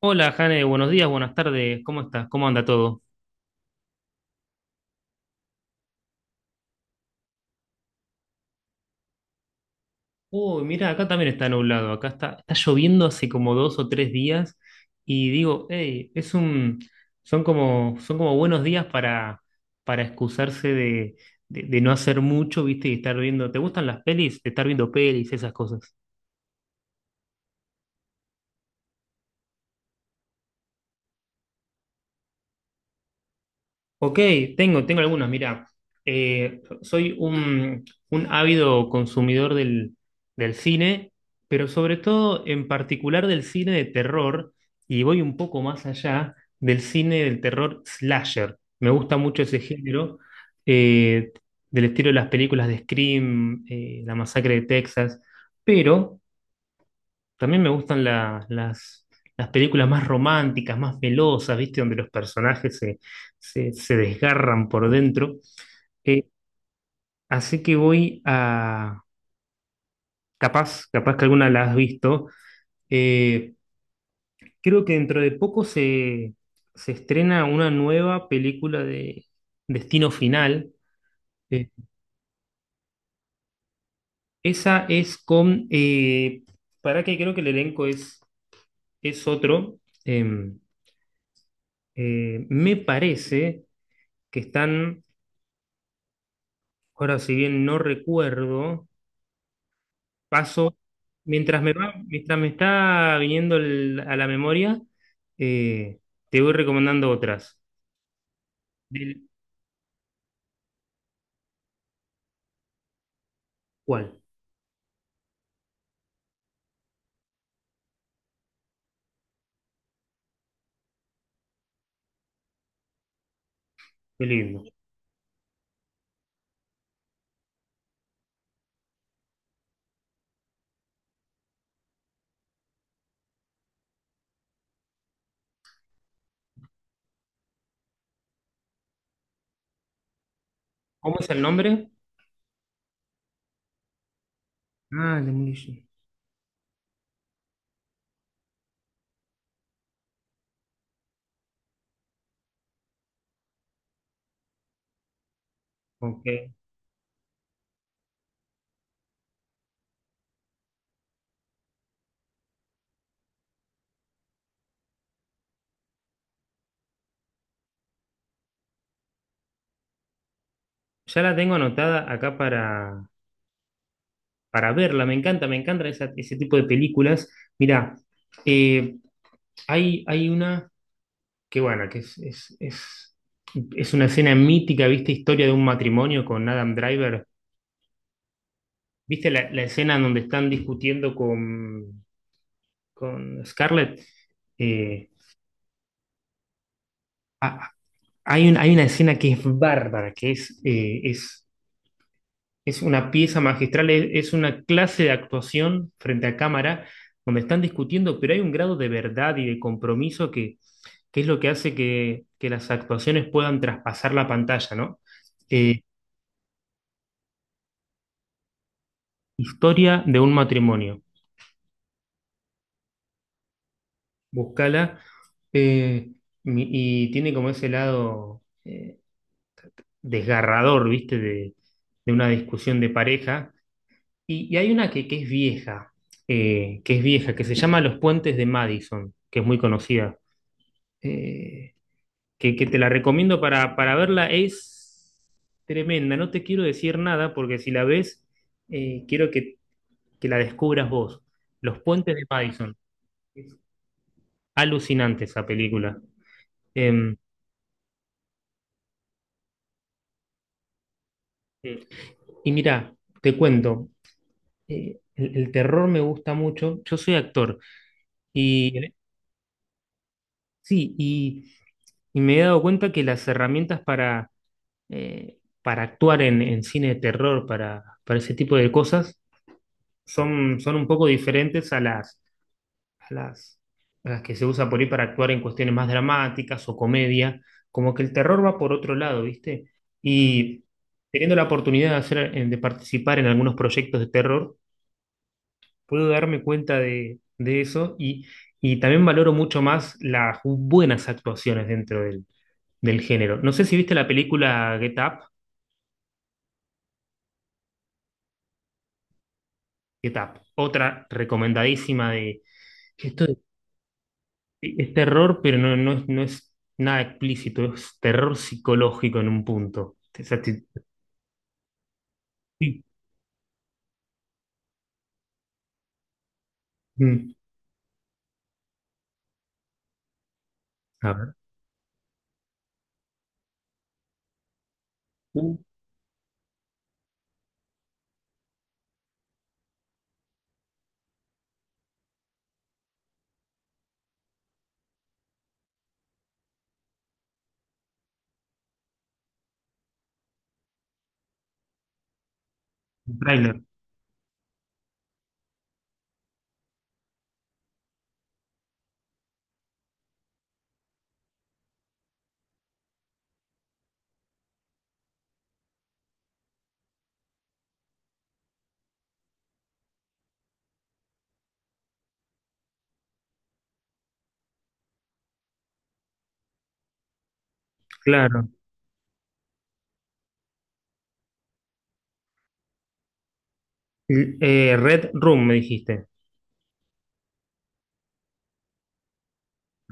Hola, Jane, buenos días, buenas tardes, ¿cómo estás? ¿Cómo anda todo? Uy, mira, acá también está nublado, acá está lloviendo hace como 2 o 3 días y digo, hey, son como buenos días para excusarse de no hacer mucho, ¿viste? Y estar viendo, ¿te gustan las pelis? De estar viendo pelis, esas cosas. Ok, tengo algunos. Mira, soy un ávido consumidor del cine, pero sobre todo en particular del cine de terror, y voy un poco más allá del cine del terror slasher. Me gusta mucho ese género, eh, del estilo de las películas de Scream, La Masacre de Texas, pero también me gustan las películas más románticas, más velosas, ¿viste? Donde los personajes se desgarran por dentro. Eh, así que Capaz que alguna la has visto. Eh, Creo que dentro de poco se estrena una nueva película de Destino Final. Eh, esa es con... para que creo que el elenco es otro. Em, me parece que Ahora, si bien no recuerdo, paso, mientras me está viniendo a la memoria, eh, te voy recomendando otras. Del, ¿Cuál? Qué lindo. ¿Cómo es el nombre? Ah, Demolition. Ok. Ya la tengo anotada acá para verla. Me encanta ese tipo de películas. Mirá, eh, hay una que, bueno, que es una escena mítica, ¿viste? Historia de un matrimonio con Adam Driver. ¿Viste la escena en donde están discutiendo con Scarlett? Eh, ha- hay una escena que es bárbara, que es una pieza magistral, es una clase de actuación frente a cámara, donde están discutiendo, pero hay un grado de verdad y de compromiso que es lo que hace que las actuaciones puedan traspasar la pantalla, ¿no? Eh, historia de un matrimonio. Búscala. eh, y tiene como ese lado, desgarrador, ¿viste? De una discusión de pareja. Y hay una que es vieja, que se llama Los Puentes de Madison, que es muy conocida, eh, que te la recomiendo para verla. Es tremenda, no te quiero decir nada porque si la ves, quiero que la descubras vos. Los Puentes de Madison. Es alucinante esa película. Em, y mira, te cuento, el terror me gusta mucho. Yo soy actor y sí, y me he dado cuenta que las herramientas para actuar en cine de terror, para ese tipo de cosas, son un poco diferentes a a las, las que se usa por ahí para actuar en cuestiones más dramáticas o comedia. Como que el terror va por otro lado, ¿viste? Y teniendo la oportunidad de hacer, de participar en algunos proyectos de terror, puedo darme cuenta de eso y también valoro mucho más las buenas actuaciones dentro del género. No sé si viste la película Get Up. Otra recomendadísima de esto. Es terror, pero no, no es nada explícito, es terror psicológico en un punto. O sea, sí, mm. A ver, uh, un tráiler, claro. Red Room, me dijiste.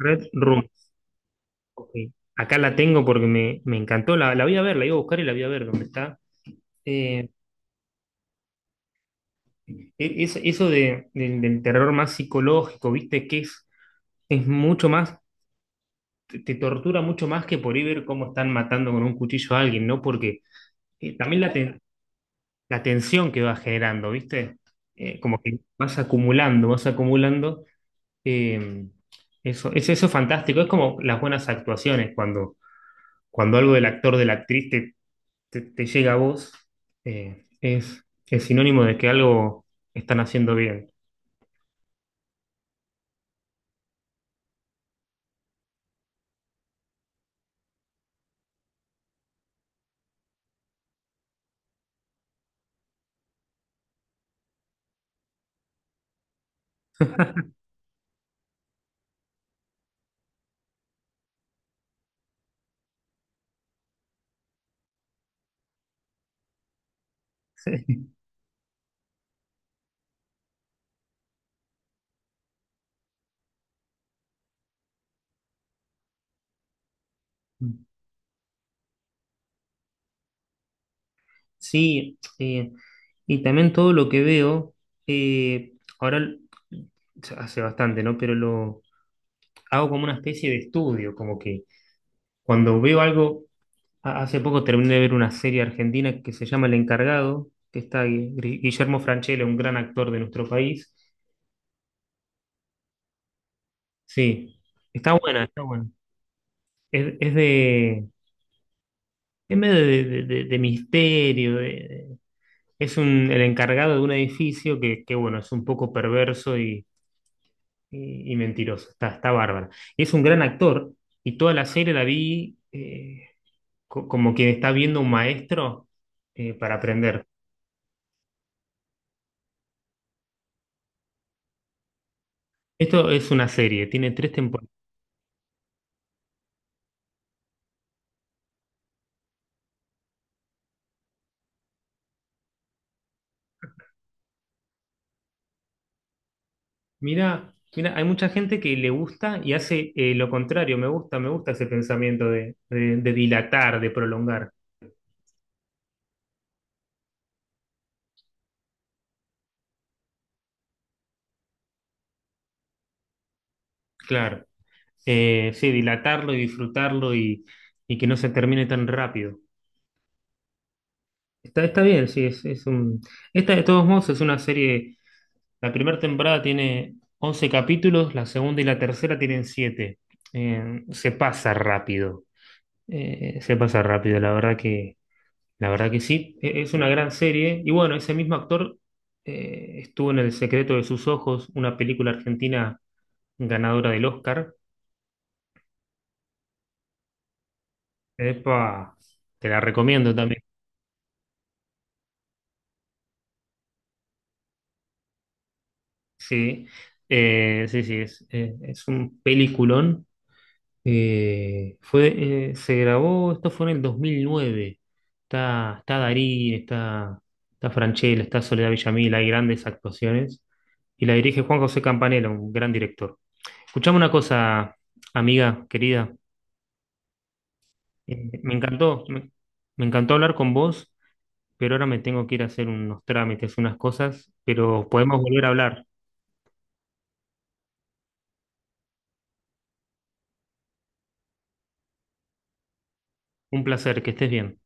Red Room. Ok. Acá la tengo porque me encantó. La voy a ver, la iba a buscar y la voy a ver dónde está. Eh, eso del terror más psicológico, ¿viste? Que es mucho más. Te tortura mucho más que por ir ver cómo están matando con un cuchillo a alguien, ¿no? Porque también la tensión que va generando, ¿viste? Como que vas acumulando, vas acumulando. eh, eso es fantástico. Es como las buenas actuaciones, cuando algo del actor, de la actriz te llega a vos, es sinónimo de que algo están haciendo bien. Sí, y también todo lo que veo, eh, ahora l- hace bastante, ¿no? Pero lo hago como una especie de estudio, como que cuando veo algo, hace poco terminé de ver una serie argentina que se llama El Encargado, que está Guillermo Francella, un gran actor de nuestro país. Sí, está buena, está buena. Es de, es medio de misterio. De- el encargado de un edificio que, bueno, es un poco perverso y mentiroso. Está bárbara. Es un gran actor y toda la serie la vi, como quien está viendo un maestro, para aprender. Esto es una serie, tiene tres temporadas. Mira, mira, hay mucha gente que le gusta y hace, lo contrario. Me gusta ese pensamiento de dilatar, de prolongar. Claro. Sí, dilatarlo y disfrutarlo, y que no se termine tan rápido. Está bien, sí, Esta de todos modos es una serie. La primera temporada tiene 11 capítulos, la segunda y la tercera tienen 7. Se pasa rápido. Se pasa rápido, la verdad que sí. Es una gran serie. Y bueno, ese mismo actor, estuvo en El secreto de sus ojos, una película argentina ganadora del Oscar. Epa, te la recomiendo también. Sí. Sí, sí, es un peliculón. Se grabó, esto fue en el 2009. Está Darín, está Francella, está Soledad Villamil, hay grandes actuaciones. Y la dirige Juan José Campanella, un gran director. Escuchame una cosa, amiga querida. Me encantó, me encantó hablar con vos, pero ahora me tengo que ir a hacer unos trámites, unas cosas, pero podemos volver a hablar. Un placer, que estés bien.